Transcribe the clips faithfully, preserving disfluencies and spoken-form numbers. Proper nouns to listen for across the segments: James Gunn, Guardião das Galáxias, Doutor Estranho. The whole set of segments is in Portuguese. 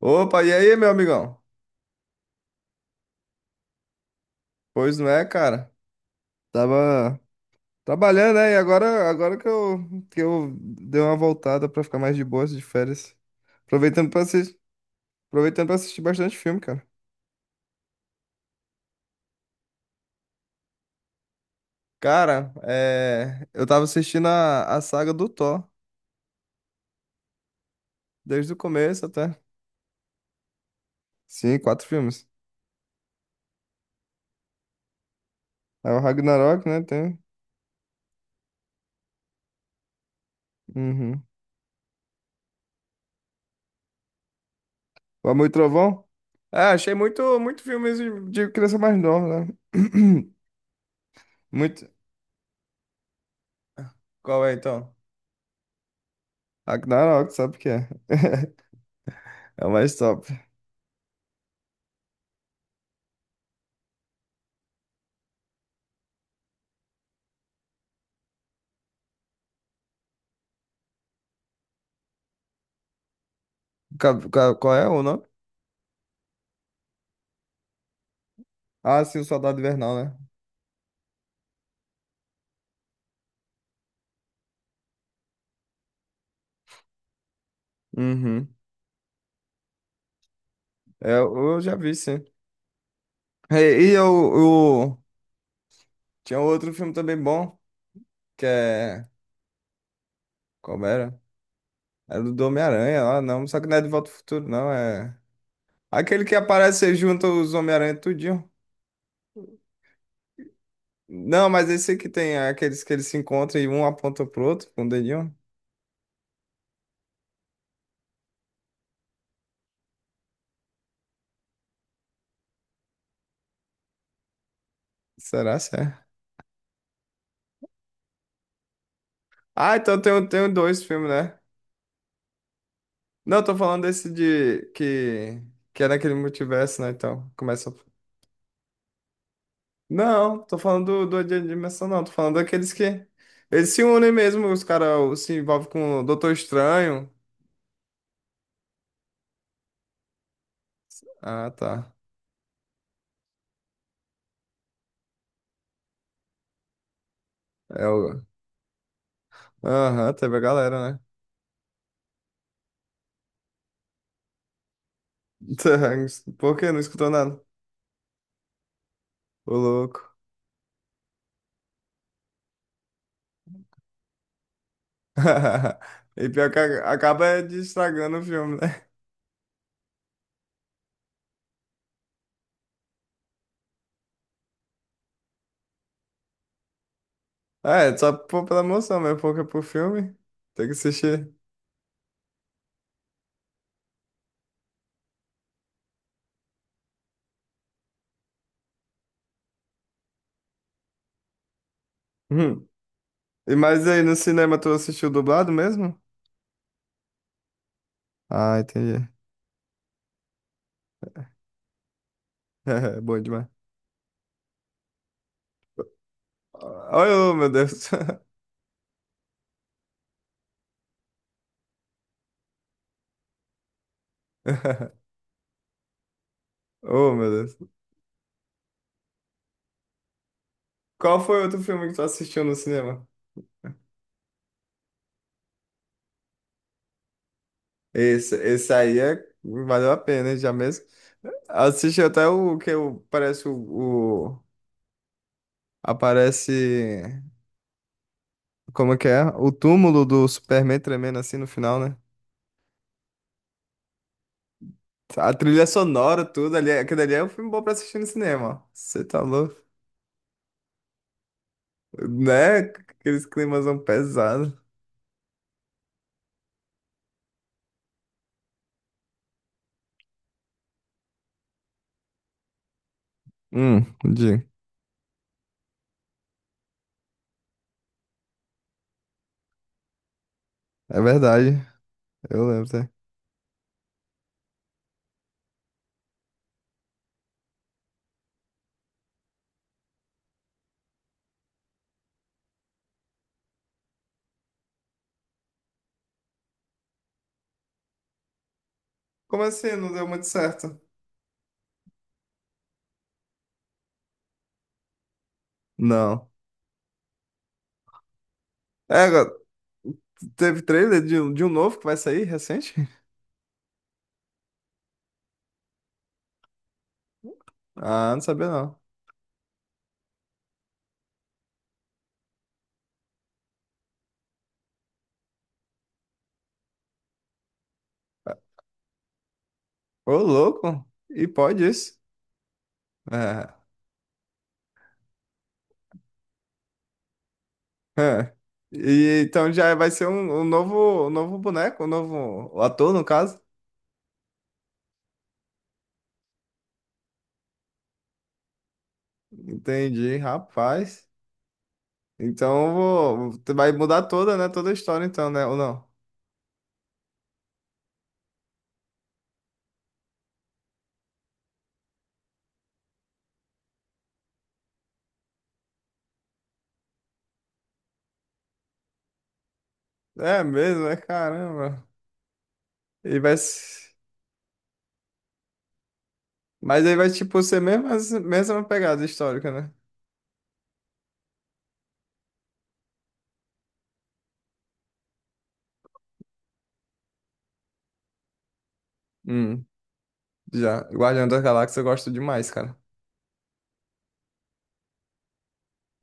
Opa, e aí, meu amigão? Pois não é, cara. Tava trabalhando, né? E agora, agora que eu, que eu dei uma voltada pra ficar mais de boas de férias. Aproveitando pra assistir, aproveitando pra assistir bastante filme, cara. Cara, é, eu tava assistindo a, a saga do Thor, desde o começo até. Sim, quatro filmes. É o Ragnarok, né? Tem. Uhum. O Amor e Trovão. É, achei muito, muito filmes de, de criança mais nova, né? Muito. Qual é, então? Ragnarok, sabe o que é? É o mais top. Ca- ca- Qual é o nome? Ah, sim, o Soldado Invernal, né? Uhum. É, eu já vi, sim. E, e eu, eu- tinha um outro filme também bom, que é... Como era? Era do Homem-Aranha, ah, não. Só que não é De Volta ao Futuro, não. É... Aquele que aparece junto os Homem-Aranha tudinho. Não, mas esse que tem aqueles que eles se encontram e um aponta pro outro com o dedinho. Será, será? Ah, então tem, tem dois filmes, né? Não, eu tô falando desse de que que é naquele multiverso, né? Então, começa. a- Não, tô falando do, do de dimensão, não. Tô falando daqueles que eles se unem mesmo, os caras se envolvem com o Doutor Estranho. Ah, tá. É o. Aham, teve a galera, né? Tá, por que não escutou nada? Ô, louco. E pior que a- acaba é de estragando o filme, né? Ah, é, só por- pela emoção mesmo, porque pro filme tem que assistir. Hum. E mais aí, no cinema tu assistiu dublado mesmo? Ah, entendi. Bom demais. Ah, oh, meu Deus. Oh, meu Deus. Qual foi outro filme que tu assistiu no cinema? Esse, esse aí é, valeu a pena, hein, já mesmo. Assisti até o que o- parece o, o- aparece. Como é que é? O túmulo do Superman tremendo assim no final, né? A trilha sonora, tudo ali. Aquele ali é um filme bom pra assistir no cinema, ó. Você tá louco? Né? Aqueles climas pesados. Hum, de. É verdade. Eu lembro, né? Como assim? Não deu muito certo. Não. É, agora, teve trailer de, um- de um novo que vai sair recente? Ah, não sabia não. Ô, louco! E pode isso? É. É. E então já vai ser um, um novo, um novo boneco, um novo ator, no caso. Entendi, rapaz. Então eu vou, tu vai mudar toda, né? Toda a história, então, né? Ou não? É mesmo, é caramba. E vai. Se- Mas aí vai, tipo, ser mesmo, as- mesma pegada histórica, né? Hum. Já, Guardião das Galáxias eu gosto demais, cara.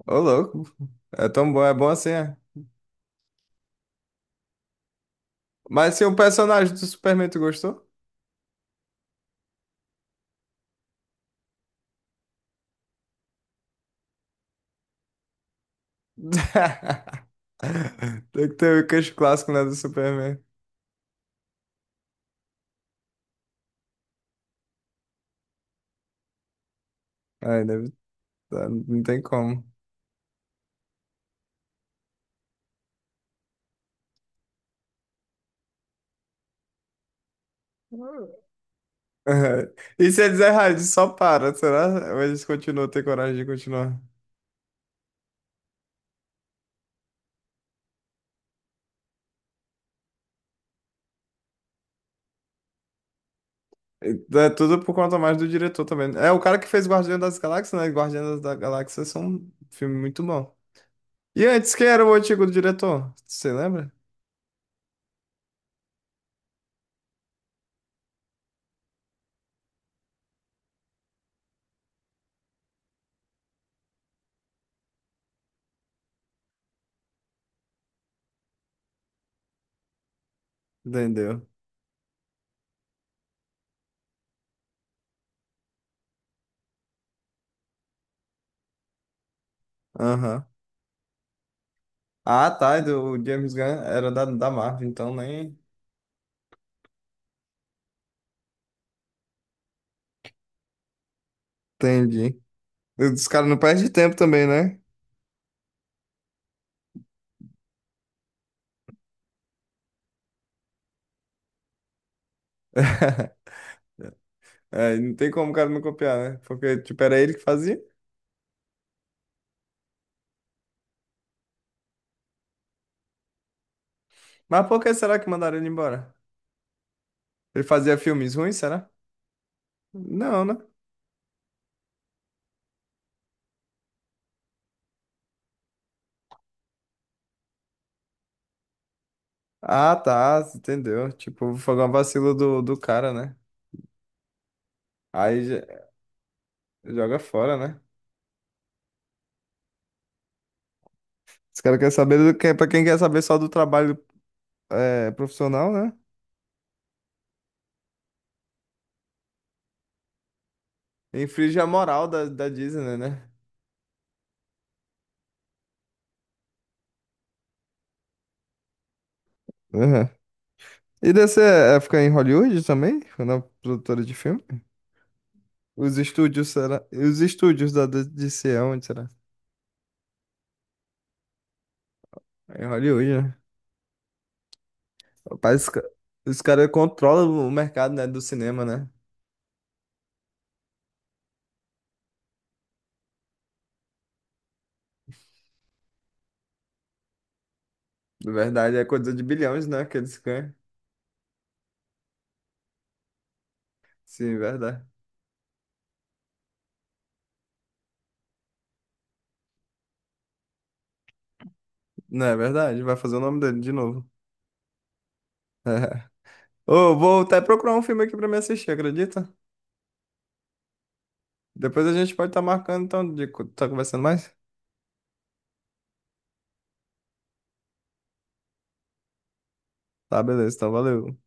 Ô, louco. É tão bom, é bom assim, é. Mas se o personagem do Superman, tu gostou? Tem que ter o queixo clássico, né, do Superman. Ai, deve... tá, não tem como. E se eles errarem, só para, será? Ou eles continuam, ter coragem de continuar? É tudo por conta mais do diretor também. É o cara que fez Guardião das Galáxias, né? Guardião das Galáxias são um filme muito bom. E antes, quem era o antigo diretor? Você lembra? Entendeu? Aham. Ah, tá. e do- O James Gunn era da, da Marvel, então nem. Entendi. Os caras não perdem tempo também, né? É, não tem como o cara não copiar, né? Porque, tipo, era ele que fazia. Mas por que será que mandaram ele embora? Ele fazia filmes ruins, será? Não, né? Ah, tá. Entendeu? Tipo, foi uma vacila do, do cara, né? Aí já- Joga fora, né? Os caras querem saber do que, pra quem quer saber só do trabalho é, profissional, né? Infringe a moral da, da Disney, né? E dessa é ficar em Hollywood também? Na produtora de filme? Os estúdios, será? Os estúdios da D- DC, é onde será? É em Hollywood, né? Rapaz, os ca- os caras controlam o mercado, né, do cinema, né? Na verdade, é coisa de bilhões, né, que eles ganham. Sim, verdade. Não é verdade? Vai fazer o nome dele de novo. Ô, vou até procurar um filme aqui pra me assistir, acredita? Depois a gente pode estar marcando, então, de co- tá conversando mais? Tá, beleza, então, valeu.